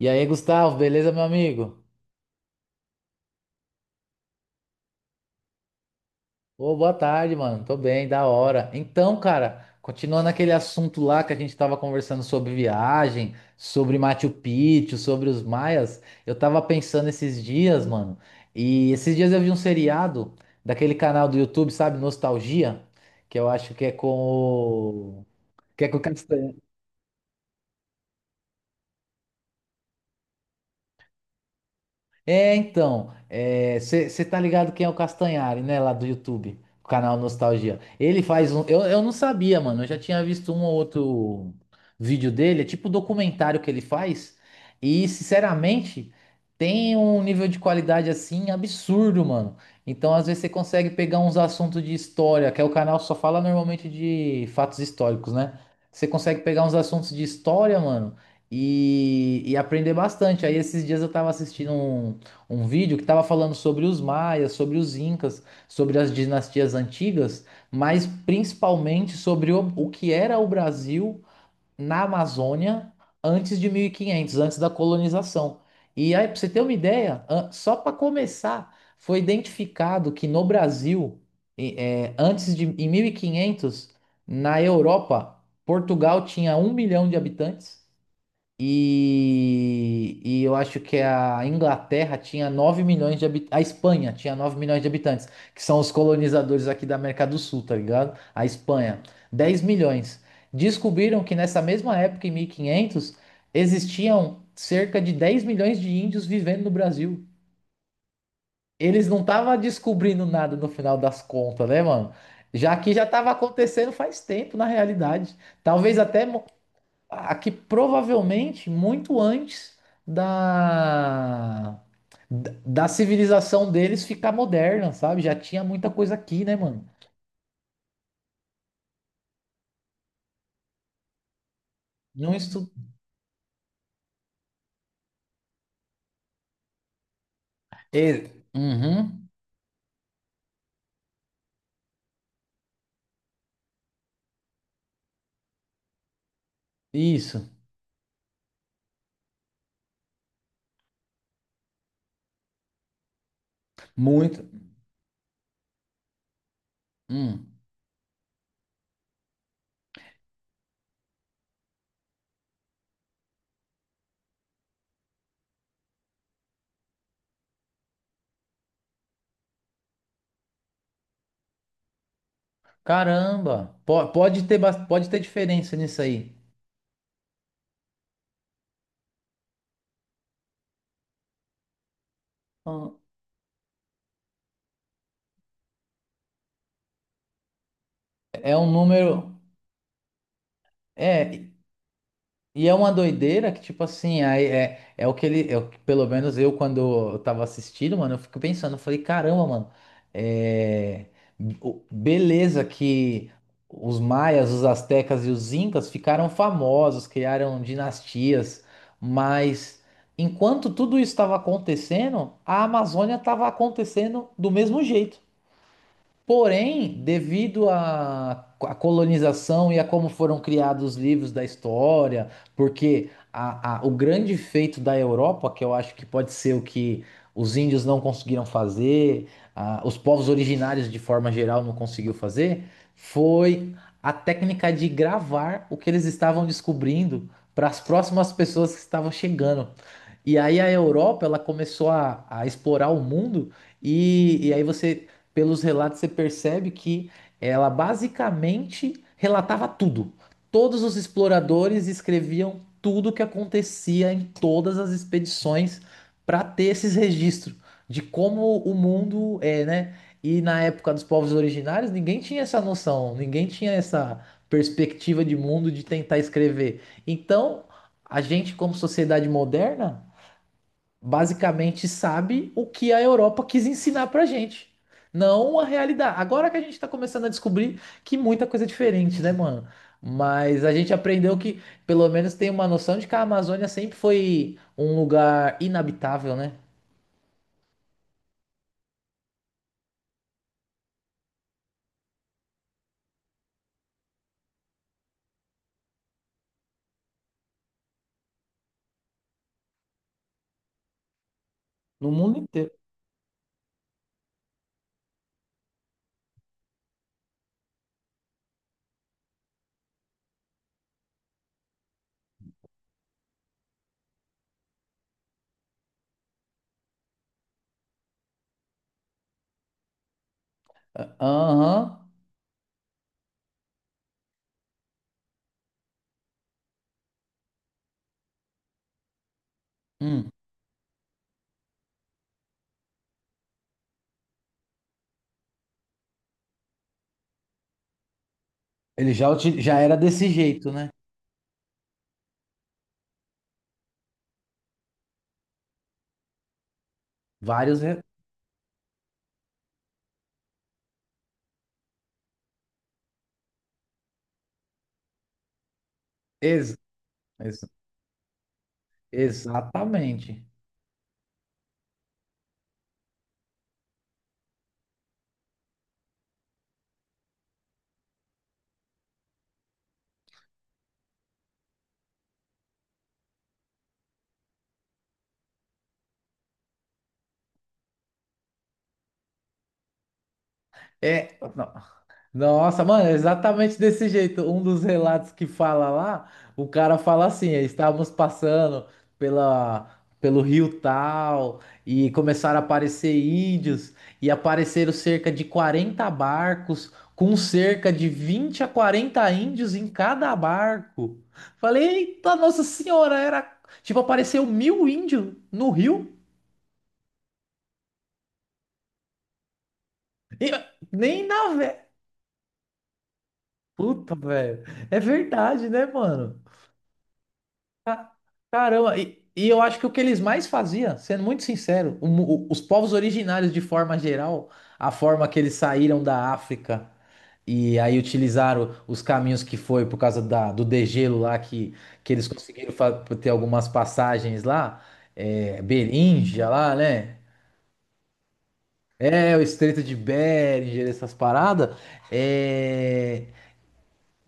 E aí, Gustavo, beleza, meu amigo? Ô, boa tarde, mano. Tô bem, da hora. Então, cara, continuando aquele assunto lá que a gente tava conversando sobre viagem, sobre Machu Picchu, sobre os maias, eu tava pensando esses dias, mano. E esses dias eu vi um seriado daquele canal do YouTube, sabe, Nostalgia, que eu acho que é com o que é com o Castanhari. É, então, você tá ligado quem é o Castanhari, né? Lá do YouTube, o canal Nostalgia. Ele faz um. Eu não sabia, mano. Eu já tinha visto um ou outro vídeo dele, é tipo um documentário que ele faz. E, sinceramente, tem um nível de qualidade assim absurdo, mano. Então, às vezes, você consegue pegar uns assuntos de história, que é o canal só fala normalmente de fatos históricos, né? Você consegue pegar uns assuntos de história, mano e aprender bastante. Aí esses dias eu tava assistindo um vídeo que estava falando sobre os maias, sobre os incas, sobre as dinastias antigas, mas principalmente sobre o que era o Brasil na Amazônia antes de 1500, antes da colonização. E aí, para você ter uma ideia, só para começar, foi identificado que no Brasil, antes de em 1500, na Europa, Portugal tinha 1 milhão de habitantes. E eu acho que a Inglaterra tinha 9 milhões de habitantes. A Espanha tinha 9 milhões de habitantes, que são os colonizadores aqui da América do Sul, tá ligado? A Espanha, 10 milhões. Descobriram que nessa mesma época, em 1500, existiam cerca de 10 milhões de índios vivendo no Brasil. Eles não estavam descobrindo nada no final das contas, né, mano? Já que já estava acontecendo faz tempo, na realidade. Talvez até aqui provavelmente muito antes da da civilização deles ficar moderna, sabe? Já tinha muita coisa aqui, né, mano? Não estu... É, uhum, isso, muito. Hum. Caramba, pode ter, pode ter diferença nisso aí. Ah, é um número. É, e é uma doideira que, tipo assim, aí é, é o que ele. É o que, pelo menos eu, quando eu tava assistindo, mano, eu fico pensando, eu falei, caramba, mano, é, beleza que os maias, os astecas e os incas ficaram famosos, criaram dinastias, mas enquanto tudo isso estava acontecendo, a Amazônia estava acontecendo do mesmo jeito. Porém, devido à colonização e a como foram criados os livros da história, porque o grande feito da Europa, que eu acho que pode ser o que os índios não conseguiram fazer, ah, os povos originários de forma geral não conseguiu fazer, foi a técnica de gravar o que eles estavam descobrindo para as próximas pessoas que estavam chegando. E aí a Europa, ela começou a explorar o mundo e aí você pelos relatos você percebe que ela basicamente relatava tudo. Todos os exploradores escreviam tudo o que acontecia em todas as expedições para ter esses registros de como o mundo é, né? E na época dos povos originários, ninguém tinha essa noção, ninguém tinha essa perspectiva de mundo de tentar escrever. Então, a gente, como sociedade moderna, basicamente sabe o que a Europa quis ensinar pra gente, não a realidade. Agora que a gente tá começando a descobrir que muita coisa é diferente, né, mano? Mas a gente aprendeu que pelo menos tem uma noção de que a Amazônia sempre foi um lugar inabitável, né? No mundo inteiro. Ah, aham. Hum. Ele já, já era desse jeito, né? Vários. Ex ex- exatamente. É, não. Nossa, mano, é exatamente desse jeito. Um dos relatos que fala lá, o cara fala assim: "É, estávamos passando pela, pelo rio tal e começaram a aparecer índios e apareceram cerca de 40 barcos com cerca de 20 a 40 índios em cada barco. Falei, eita, Nossa Senhora, era tipo, apareceu 1000 índios no rio e nem na vé. Puta, velho. É verdade, né, mano? Caramba, e eu acho que o que eles mais faziam, sendo muito sincero, os povos originários de forma geral, a forma que eles saíram da África e aí utilizaram os caminhos que foi por causa do degelo lá, que eles conseguiram ter algumas passagens lá, é, Beríngia lá, né? É, o Estreito de Bering, essas paradas. É,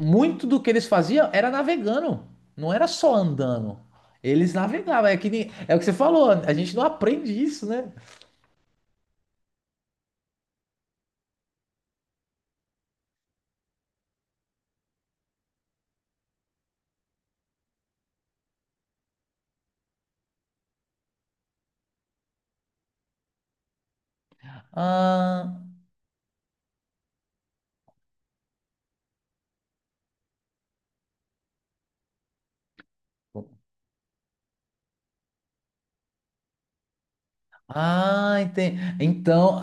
muito do que eles faziam era navegando, não era só andando. Eles navegavam, é que nem- é o que você falou, a gente não aprende isso, né? Ah, ah, entendi. Então,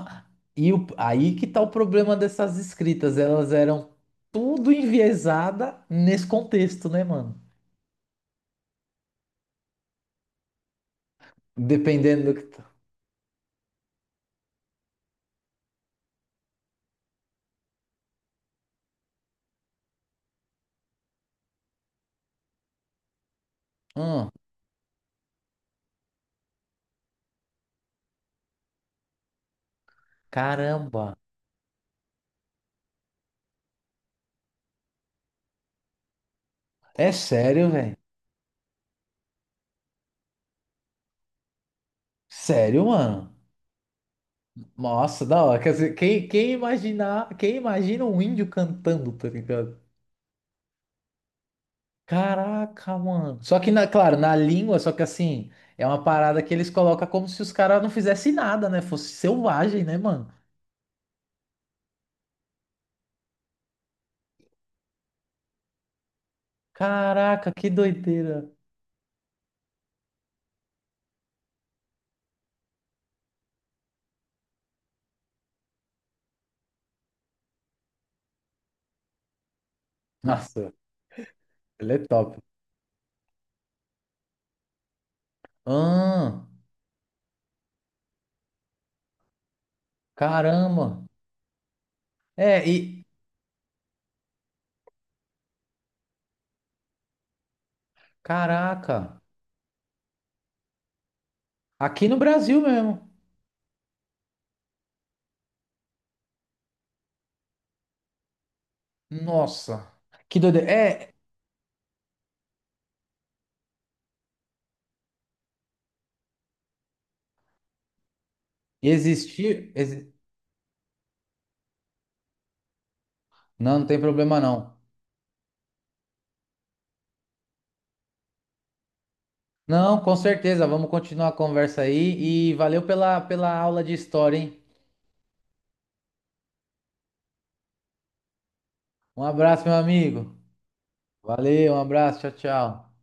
aí que tá o problema dessas escritas, elas eram tudo enviesada nesse contexto, né, mano? Dependendo do que tá. Hum, caramba. É sério, velho? Sério, mano? Nossa, da hora. Quer dizer, quem imagina um índio cantando, tá ligado? Caraca, mano. Só que, na, claro, na língua, só que assim, é uma parada que eles colocam como se os caras não fizessem nada, né? Fosse selvagem, né, mano? Caraca, que doideira. Nossa, ele é top. Ah, caramba. É, e. Caraca. Aqui no Brasil mesmo. Nossa, que doideira. É, e existir. Não, não tem problema não. Não, com certeza. Vamos continuar a conversa aí. E valeu pela aula de história, hein? Um abraço, meu amigo. Valeu, um abraço, tchau, tchau.